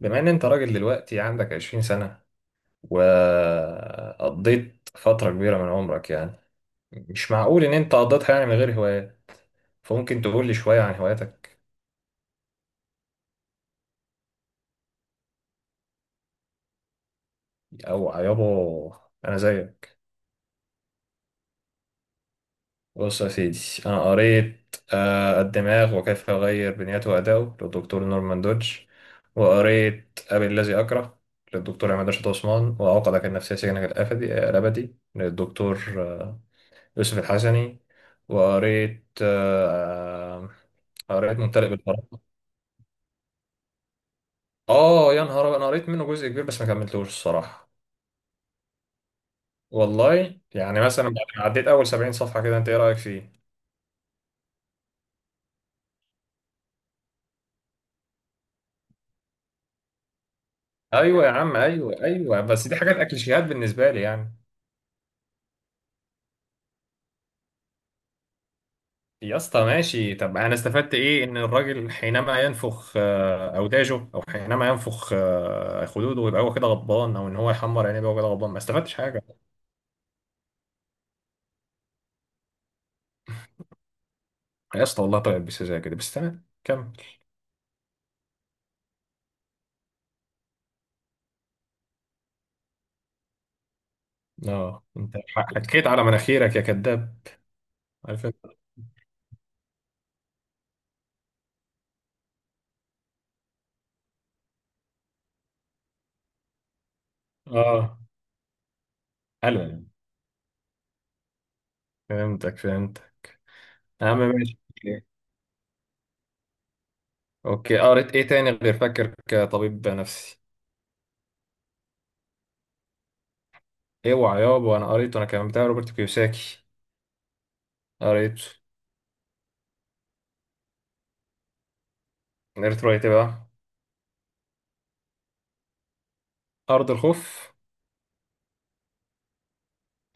بما ان انت راجل دلوقتي عندك 20 سنة، وقضيت فترة كبيرة من عمرك يعني، مش معقول ان انت قضيتها يعني من غير هوايات، فممكن تقول لي شوية عن هواياتك. او يابا، انا زيك. بص يا سيدي، انا قريت الدماغ وكيف يغير بنيته أداؤه للدكتور نورمان دودج، وقريت أبي الذي أكره للدكتور عماد رشاد عثمان، وعقدك النفسية سجنك الأبدي للدكتور يوسف الحسني. وقريت قريت ممتلئ بالفراغ. اه يا نهار أبيض، انا قريت منه جزء كبير بس ما كملتوش الصراحه. والله يعني مثلا بعد ما عديت اول 70 صفحه كده، انت ايه رايك فيه؟ ايوه يا عم، ايوه ايوه، بس دي حاجات اكليشيهات بالنسبه لي يعني. يا اسطى ماشي، طب انا استفدت ايه؟ ان الراجل حينما ينفخ اوداجه، او حينما ينفخ خدوده، يبقى هو كده غضبان، او ان هو يحمر عينيه يبقى هو كده غضبان. ما استفدتش حاجه. يا اسطى والله، طيب بس زي كده، بس تمام كمل. اه انت حكيت على مناخيرك يا كذاب. عارف انت. اه. حلو يعني. فهمتك فهمتك. يا عم ماشي، اوكي. اوكي، قريت ايه تاني غير فاكر كطبيب نفسي؟ اوعى يابا، انا قريته انا كمان، بتاع روبرت كيوساكي. قريته. قريت رواية ايه بقى؟ ارض الخوف.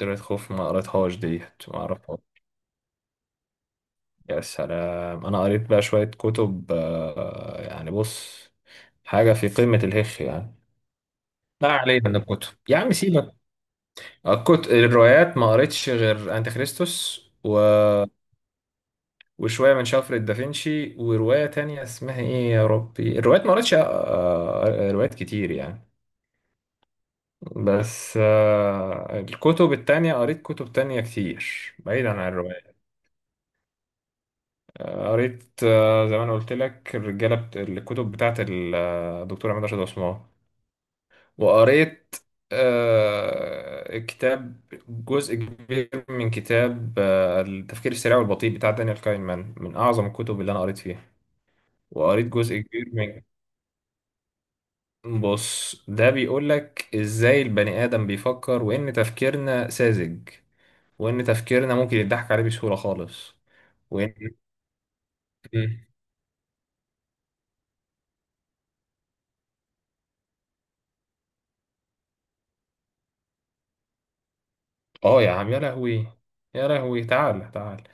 قريت خوف ما قريتهاش ديت، ما اعرفهاش. يا سلام، انا قريت بقى شوية كتب آه يعني، بص، حاجة في قمة الهخ يعني. لا علينا من الكتب يا عم، سيبك. كنت الروايات ما قريتش غير انت كريستوس و... وشويه من شفرة دافنشي، وروايه تانية اسمها ايه يا ربي، الروايات ما قريتش روايات كتير يعني. بس الكتب التانية قريت كتب تانية كتير بعيدا عن الروايات. قريت زي ما انا قلت لك الرجاله الكتب بتاعت الدكتور عماد رشاد عثمان. وقريت كتاب، جزء كبير من كتاب التفكير السريع والبطيء بتاع دانيال كاينمان، من أعظم الكتب اللي أنا قريت فيها. وقريت جزء كبير من، بص ده بيقول لك إزاي البني آدم بيفكر، وإن تفكيرنا ساذج، وإن تفكيرنا ممكن يضحك عليه بسهولة خالص، وإن اه يا عم يا لهوي، يا لهوي، تعال تعال.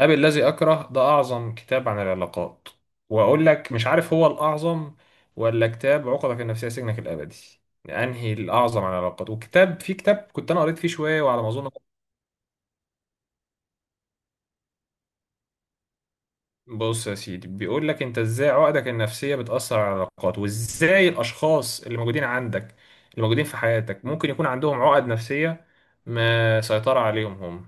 أبي الذي أكره ده أعظم كتاب عن العلاقات، وأقول لك مش عارف هو الأعظم ولا كتاب عقدك النفسية سجنك الأبدي، أنهي الأعظم عن العلاقات. وكتاب في كتاب كنت أنا قريت فيه شوية، وعلى ما أظن، بص يا سيدي، بيقول لك انت ازاي عقدك النفسية بتأثر على العلاقات، وازاي الاشخاص اللي موجودين عندك، اللي موجودين في حياتك، ممكن يكون عندهم عقد نفسية ما سيطرة عليهم هم.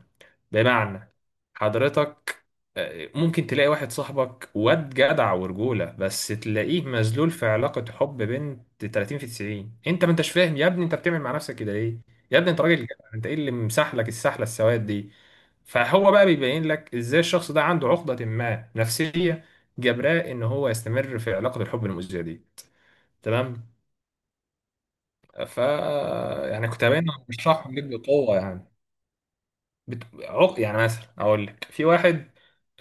بمعنى، حضرتك ممكن تلاقي واحد صاحبك واد جدع ورجولة، بس تلاقيه مذلول في علاقة حب بنت 30 في 90. انت ما انتش فاهم يا ابني انت بتعمل مع نفسك كده ليه؟ يا ابني انت راجل جدع، انت ايه اللي مسحلك السحلة السواد دي؟ فهو بقى بيبين لك ازاي الشخص ده عنده عقدة ما نفسية، جبراه ان هو يستمر في علاقة الحب المؤذية دي. تمام. ف يعني كنت هبين بشرحهم لك بقوة يعني. يعني مثلا اقول لك في واحد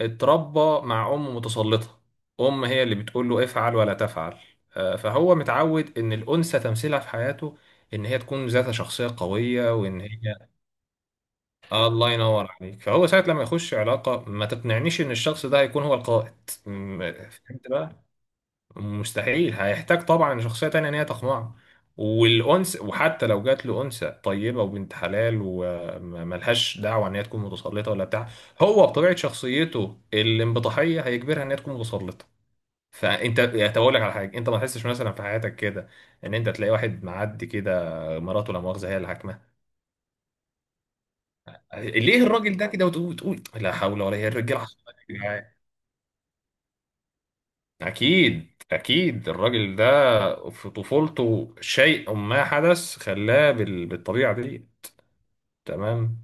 اتربى مع ام متسلطة، ام هي اللي بتقول له افعل ولا تفعل. فهو متعود ان الانثى تمثيلها في حياته ان هي تكون ذات شخصية قوية، وان هي الله ينور عليك، فهو ساعة لما يخش علاقة ما تقنعنيش ان الشخص ده هيكون هو القائد. فهمت بقى؟ مستحيل، هيحتاج طبعا شخصية تانية ان هي تقنعه. والأنس، وحتى لو جات له أنثى طيبة وبنت حلال وملهاش دعوة ان هي تكون متسلطة ولا بتاع، هو بطبيعة شخصيته الانبطاحية هيجبرها ان هي تكون متسلطة. فانت هقول لك على حاجة، انت ما تحسش مثلا في حياتك كده ان انت تلاقي واحد معدي كده مراته لا مؤاخذة هي اللي، ليه الراجل ده كده؟ وتقول لا حول ولا قوه، الرجاله عصبية يا جدعان. اكيد اكيد الراجل ده في طفولته شيء ما حدث خلاه بالطبيعه دي. تمام.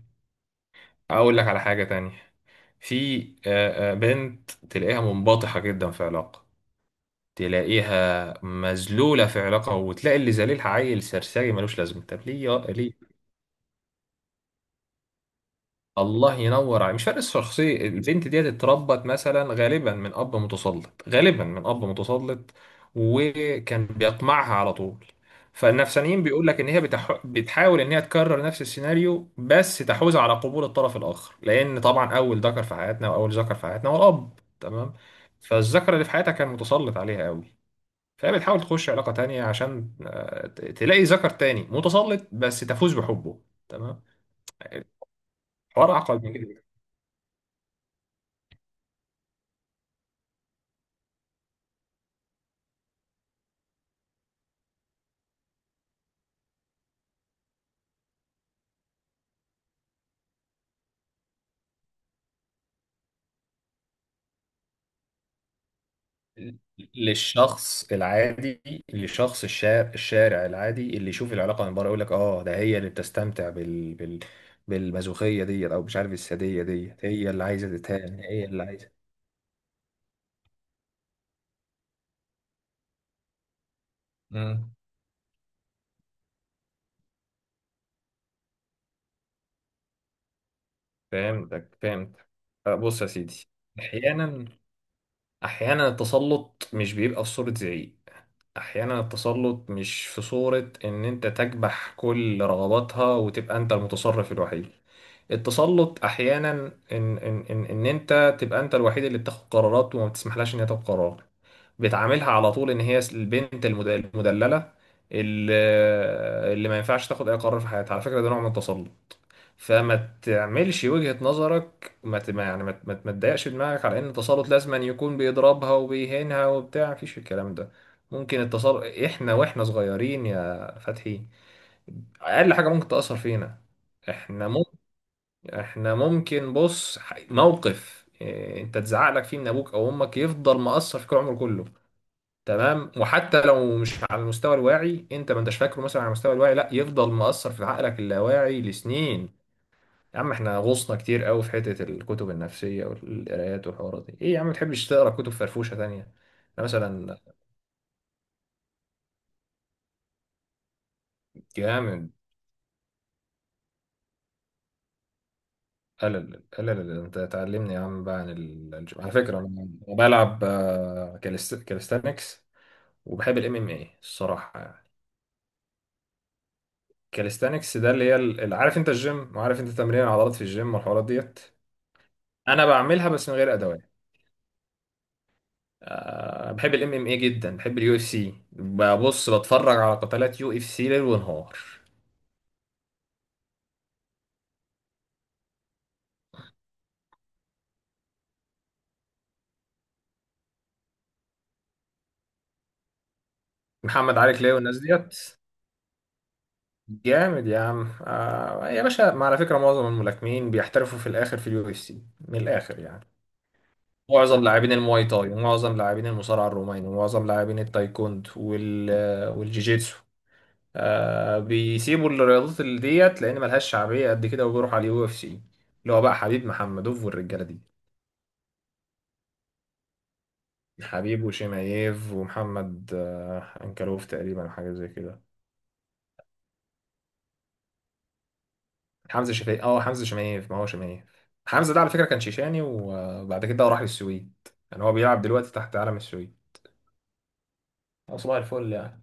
اقول لك على حاجه تانية، في بنت تلاقيها منبطحه جدا في علاقه، تلاقيها مذلوله في علاقه، وتلاقي اللي ذليلها عيل سرسجي ملوش لازمه. طب ليه ليه؟ الله ينور عليك، مش فرق الشخصية. البنت ديت اتربت مثلا غالبا من أب متسلط، غالبا من أب متسلط، وكان بيقمعها على طول. فالنفسانيين بيقول لك إن هي بتحاول إن هي تكرر نفس السيناريو، بس تحوز على قبول الطرف الآخر، لأن طبعا أول ذكر في حياتنا، وأول ذكر في حياتنا هو الأب. تمام. فالذكر اللي في حياتها كان متسلط عليها قوي، فهي بتحاول تخش علاقة تانية عشان تلاقي ذكر تاني متسلط بس تفوز بحبه. تمام. حوار أعقد من كده. للشخص العادي، لشخص الشارع العادي اللي يشوف العلاقه من بره، يقول لك اه ده هي اللي بتستمتع بالمازوخيه ديت، او مش عارف الساديه ديت، هي اللي عايزه تتهان، هي اللي عايزه. مم. فهمتك فهمت. أه، بص يا سيدي، احيانا التسلط مش بيبقى في صوره زعيق. احيانا التسلط مش في صورة ان انت تكبح كل رغباتها وتبقى انت المتصرف الوحيد. التسلط احيانا إن انت تبقى انت الوحيد اللي بتاخد قرارات، وما بتسمحلهاش ان هي تاخد قرار. بتعاملها على طول ان هي البنت المدللة، اللي, اللي ما ينفعش تاخد اي قرار في حياتها. على فكرة ده نوع من التسلط، فما تعملش وجهة نظرك ما ت- ما- يعني ما تضايقش دماغك على ان التسلط لازم أن يكون بيضربها وبيهينها وبتاع، مفيش الكلام ده. ممكن التسلط احنا واحنا صغيرين يا فتحي اقل حاجة ممكن تأثر فينا. احنا ممكن احنا ممكن، بص موقف إيه، انت تزعق لك فيه من ابوك او امك، يفضل مأثر فيك العمر كله. تمام، وحتى لو مش على المستوى الواعي، انت ما انتش فاكره مثلا على المستوى الواعي، لا يفضل مأثر في عقلك اللاواعي لسنين. يا عم احنا غوصنا كتير قوي في حتة الكتب النفسية والقرايات والحوارات دي، ايه يا عم متحبش تقرا كتب فرفوشة تانية؟ انا مثلا جامد. قلل انت تعلمني يا عم بقى عن على فكرة انا، أنا بلعب كاليستانكس، وبحب الام ام اي الصراحة يعني. كاليستانكس ده اللي هي عارف انت الجيم، وعارف انت تمرين العضلات في الجيم والحوارات ديت، انا بعملها بس من غير ادوات. بحب الام ام اي جدا، بحب اليو اف سي، ببص بتفرج على قتالات يو اف سي ليل ونهار. محمد علي كلاي والناس ديت. جامد يا عم، آه يا باشا، ما على فكره معظم الملاكمين بيحترفوا في الاخر في اليو اف سي. من الاخر يعني، معظم لاعبين المواي تاي، ومعظم لاعبين المصارعه الروماني، ومعظم لاعبين التايكوند والجيجيتسو، آه بيسيبوا الرياضات اللي ديت لان ملهاش شعبيه قد كده، وبيروحوا على اليو اف سي، اللي هو بقى حبيب محمدوف والرجاله دي. حبيب وشيمايف ومحمد آه انكلوف تقريبا، أو حاجه زي كده. حمزه شفايف، اه حمزه شمايف، ما هو شمايف. حمزه ده على فكره كان شيشاني وبعد كده راح للسويد، يعني هو بيلعب دلوقتي تحت علم السويد. أه، صباح الفل يعني.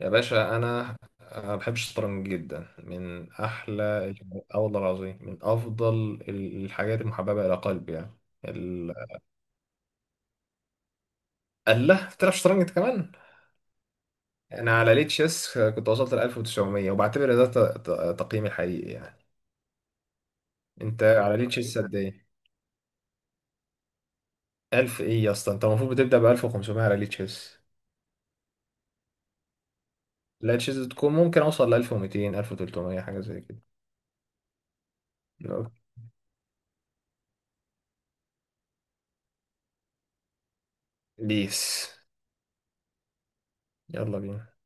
يا باشا انا أه، بحب الشطرنج جدا، من احلى اه والله العظيم من افضل الحاجات المحببه الى قلبي يعني. ال... الله، بتلعب شطرنج انت كمان؟ انا على ليه تشيس كنت وصلت ل 1900، وبعتبر ده تقييمي الحقيقي يعني. انت على ليه تشيس قد ايه؟ 1000 ايه يا اسطى، انت المفروض بتبدا ب 1500 على ليه تشيس. لاتشز تكون ممكن اوصل ل 1200 1300 حاجه زي كده. لو- بيس، يلا بينا.